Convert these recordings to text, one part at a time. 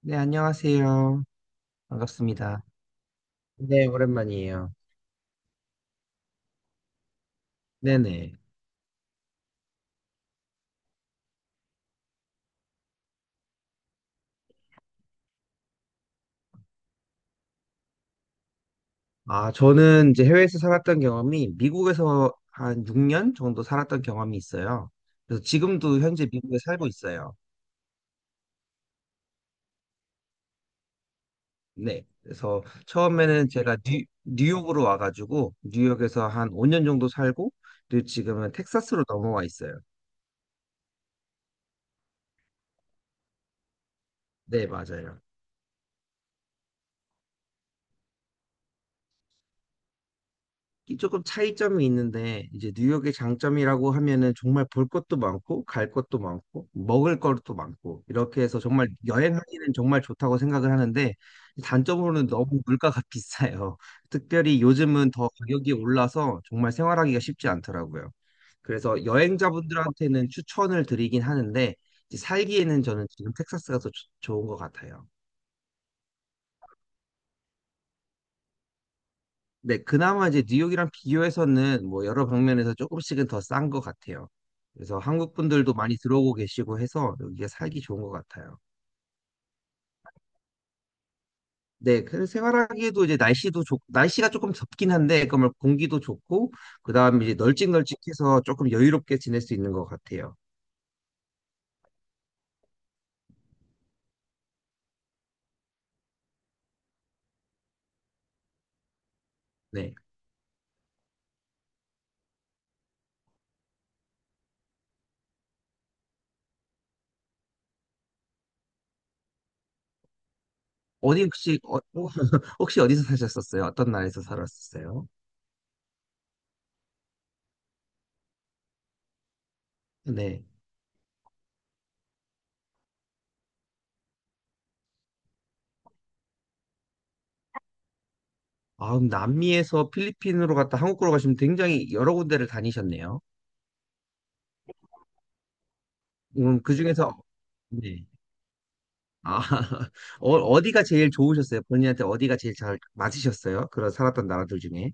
네, 안녕하세요. 반갑습니다. 네, 오랜만이에요. 네네. 아, 저는 이제 해외에서 살았던 경험이 미국에서 한 6년 정도 살았던 경험이 있어요. 그래서 지금도 현재 미국에 살고 있어요. 네. 그래서 처음에는 제가 뉴욕으로 와가지고 뉴욕에서 한 5년 정도 살고, 그리고 지금은 텍사스로 넘어와 있어요. 네, 맞아요. 이 조금 차이점이 있는데 이제 뉴욕의 장점이라고 하면은 정말 볼 것도 많고 갈 것도 많고 먹을 것도 많고 이렇게 해서 정말 여행하기는 정말 좋다고 생각을 하는데, 단점으로는 너무 물가가 비싸요. 특별히 요즘은 더 가격이 올라서 정말 생활하기가 쉽지 않더라고요. 그래서 여행자분들한테는 추천을 드리긴 하는데, 이제 살기에는 저는 지금 텍사스가 더 좋은 것 같아요. 네, 그나마 이제 뉴욕이랑 비교해서는 뭐 여러 방면에서 조금씩은 더 싼 것 같아요. 그래서 한국 분들도 많이 들어오고 계시고 해서 여기가 살기 좋은 것 같아요. 네, 그래서 생활하기에도 이제 날씨가 조금 덥긴 한데, 그러면 공기도 좋고, 그 다음에 이제 널찍널찍해서 조금 여유롭게 지낼 수 있는 것 같아요. 네. 어디 혹시, 어, 혹시 어디서 사셨었어요? 어떤 나라에서 살았었어요? 네. 아, 그럼 남미에서 필리핀으로 갔다 한국으로 가시면 굉장히 여러 군데를 다니셨네요. 그 중에서, 네. 아, 어, 어디가 제일 좋으셨어요? 본인한테 어디가 제일 잘 맞으셨어요? 그런 살았던 나라들 중에.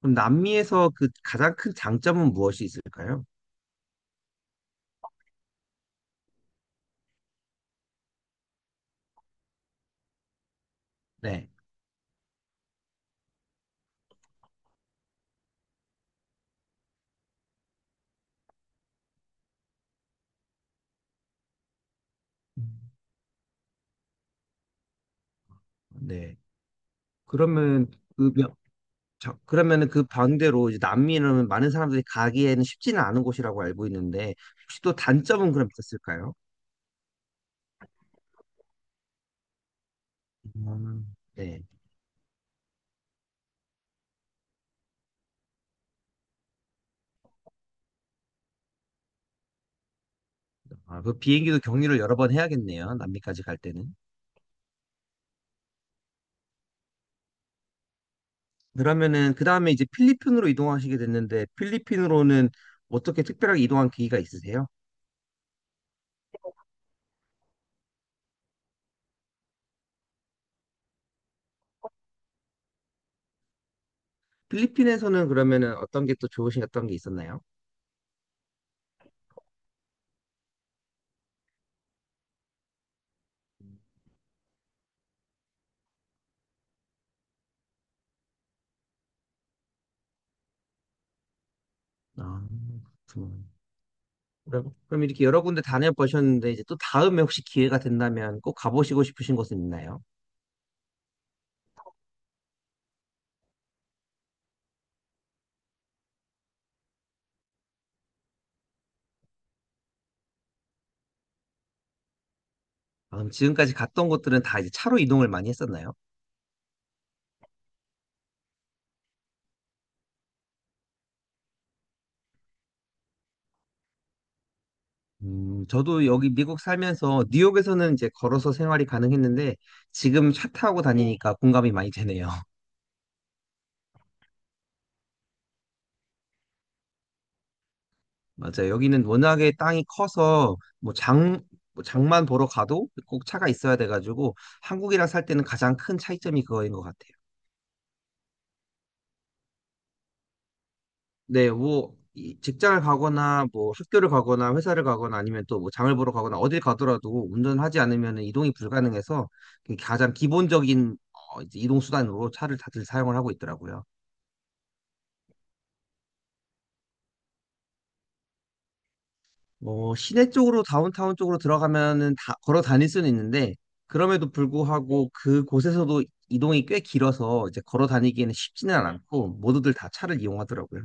그럼 남미에서 그 가장 큰 장점은 무엇이 있을까요? 네. 음. 네. 그러면 그 몇- 그러면은 그 반대로 이제 남미는 많은 사람들이 가기에는 쉽지는 않은 곳이라고 알고 있는데 혹시 또 단점은 그럼 있었을까요? 음. 네. 아, 그 비행기도 경유를 여러 번 해야겠네요. 남미까지 갈 때는. 그러면은 그 다음에 이제 필리핀으로 이동하시게 됐는데, 필리핀으로는 어떻게 특별하게 이동한 계기가 있으세요? 필리핀에서는 그러면은 어떤 게 또 좋으신 어떤 게 있었나요? 아, 그렇구나. 그럼 그럼 이렇게 여러 군데 다녀보셨는데 이제 또 다음에 혹시 기회가 된다면 꼭 가보시고 싶으신 곳은 있나요? 아, 그럼 지금까지 갔던 곳들은 다 이제 차로 이동을 많이 했었나요? 저도 여기 미국 살면서 뉴욕에서는 이제 걸어서 생활이 가능했는데 지금 차 타고 다니니까 공감이 많이 되네요. 맞아요. 여기는 워낙에 땅이 커서 뭐 장만 보러 가도 꼭 차가 있어야 돼가지고 한국이랑 살 때는 가장 큰 차이점이 그거인 것 같아요. 네, 뭐 이 직장을 가거나 뭐 학교를 가거나 회사를 가거나 아니면 또 뭐 장을 보러 가거나 어딜 가더라도 운전하지 않으면 이동이 불가능해서, 그게 가장 기본적인 어, 이제 이동 수단으로 차를 다들 사용을 하고 있더라고요. 뭐 시내 쪽으로 다운타운 쪽으로 들어가면은 다 걸어 다닐 수는 있는데 그럼에도 불구하고 그곳에서도 이동이 꽤 길어서 이제 걸어 다니기에는 쉽지는 않고 모두들 다 차를 이용하더라고요.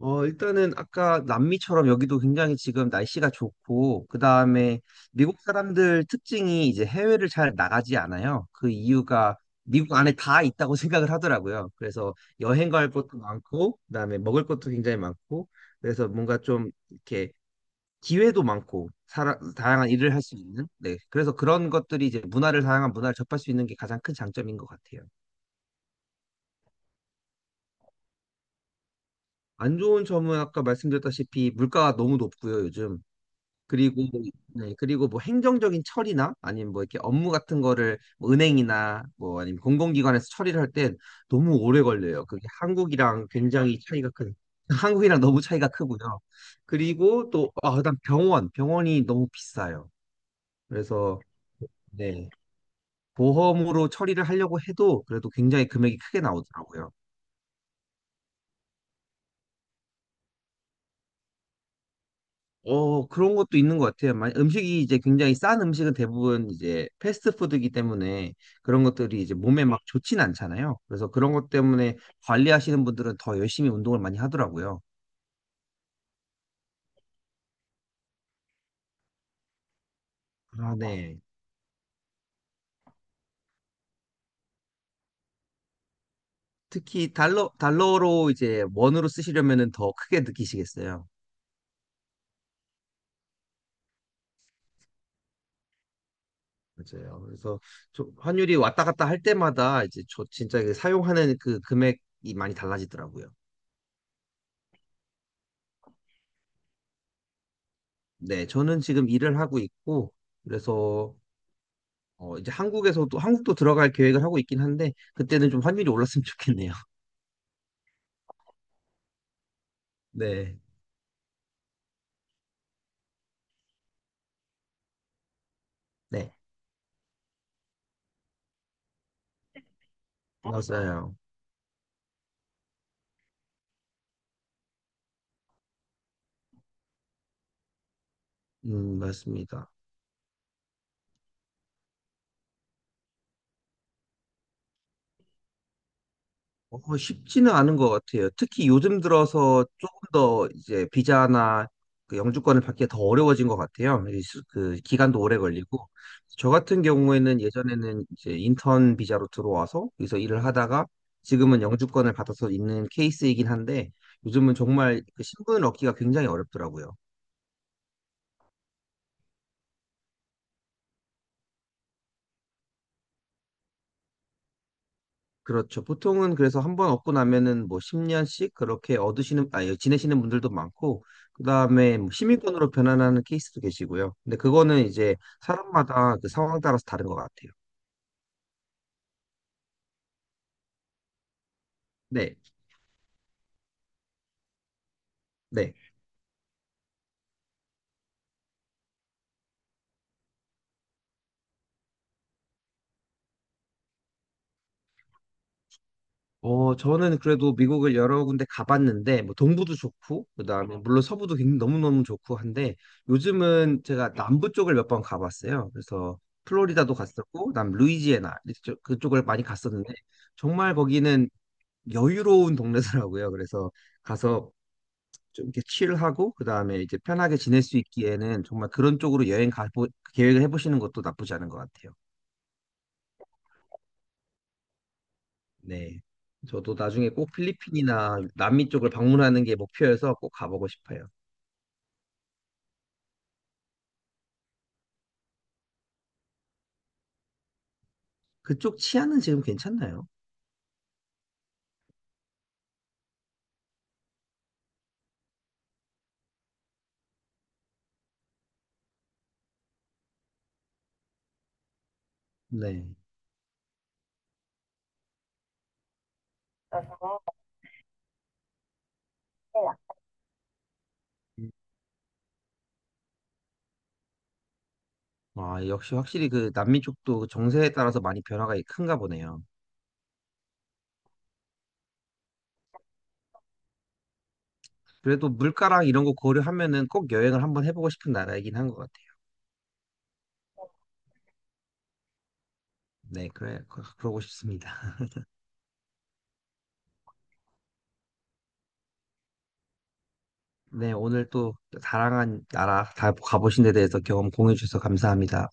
어, 일단은 아까 남미처럼 여기도 굉장히 지금 날씨가 좋고, 그다음에 미국 사람들 특징이 이제 해외를 잘 나가지 않아요. 그 이유가 미국 안에 다 있다고 생각을 하더라고요. 그래서 여행 갈 것도 많고 그다음에 먹을 것도 굉장히 많고 그래서 뭔가 좀 이렇게 기회도 많고, 다양한 일을 할 수 있는, 네, 그래서 그런 것들이 이제 문화를 다양한 문화를 접할 수 있는 게 가장 큰 장점인 것 같아요. 안 좋은 점은 아까 말씀드렸다시피 물가가 너무 높고요, 요즘. 그리고 네 그리고 뭐 행정적인 처리나 아니면 뭐 이렇게 업무 같은 거를 뭐 은행이나 뭐 아니면 공공기관에서 처리를 할 땐 너무 오래 걸려요. 그게 한국이랑 굉장히 차이가 큰, 한국이랑 너무 차이가 크고요. 그리고 또 아, 그다음 병원이 너무 비싸요. 그래서, 네. 보험으로 처리를 하려고 해도 그래도 굉장히 금액이 크게 나오더라고요. 어, 그런 것도 있는 것 같아요. 만 음식이 이제 굉장히 싼 음식은 대부분 이제 패스트푸드이기 때문에 그런 것들이 이제 몸에 막 좋진 않잖아요. 그래서 그런 것 때문에 관리하시는 분들은 더 열심히 운동을 많이 하더라고요. 아, 네. 특히 달러로 이제 원으로 쓰시려면은 더 크게 느끼시겠어요. 맞아요. 그래서 환율이 왔다 갔다 할 때마다 이제 저 진짜 그 사용하는 그 금액이 많이 달라지더라고요. 네, 저는 지금 일을 하고 있고, 그래서 어, 이제 한국도 들어갈 계획을 하고 있긴 한데, 그때는 좀 환율이 올랐으면 좋겠네요. 네, 네, 맞아요. 맞습니다. 어, 쉽지는 않은 것 같아요. 특히 요즘 들어서 조금 더 이제 비자나 그 영주권을 받기가 더 어려워진 것 같아요. 그 기간도 오래 걸리고. 저 같은 경우에는 예전에는 이제 인턴 비자로 들어와서 여기서 일을 하다가 지금은 영주권을 받아서 있는 케이스이긴 한데, 요즘은 정말 그 신분을 얻기가 굉장히 어렵더라고요. 그렇죠. 보통은 그래서 한 번 얻고 나면은 뭐 10년씩 그렇게 지내시는 분들도 많고, 그 다음에 시민권으로 변환하는 케이스도 계시고요. 근데 그거는 이제 사람마다 그 상황 따라서 다른 것 같아요. 네, 네. 어, 저는 그래도 미국을 여러 군데 가봤는데, 뭐 동부도 좋고, 그 다음에 물론 서부도 굉장히 너무너무 좋고 한데, 요즘은 제가 남부 쪽을 몇 번 가봤어요. 그래서 플로리다도 갔었고, 그다음 루이지애나 그쪽을 많이 갔었는데, 정말 거기는 여유로운 동네더라고요. 그래서 가서 좀 이렇게 칠하고 그다음에 이제 편하게 지낼 수 있기에는 정말 그런 쪽으로 여행 가 계획을 해보시는 것도 나쁘지 않은 것 같아요. 네. 저도 나중에 꼭 필리핀이나 남미 쪽을 방문하는 게 목표여서 꼭 가보고 싶어요. 그쪽 치안은 지금 괜찮나요? 네. 아, 역시 확실히 그 남미 쪽도 그 정세에 따라서 많이 변화가 큰가 보네요. 그래도 물가랑 이런 거 고려하면은 꼭 여행을 한번 해보고 싶은 나라이긴 한 것 같아요. 네, 그래, 그러고 싶습니다. 네, 오늘 또 사랑한 나라 다 가보신 데 대해서 경험 공유해 주셔서 감사합니다.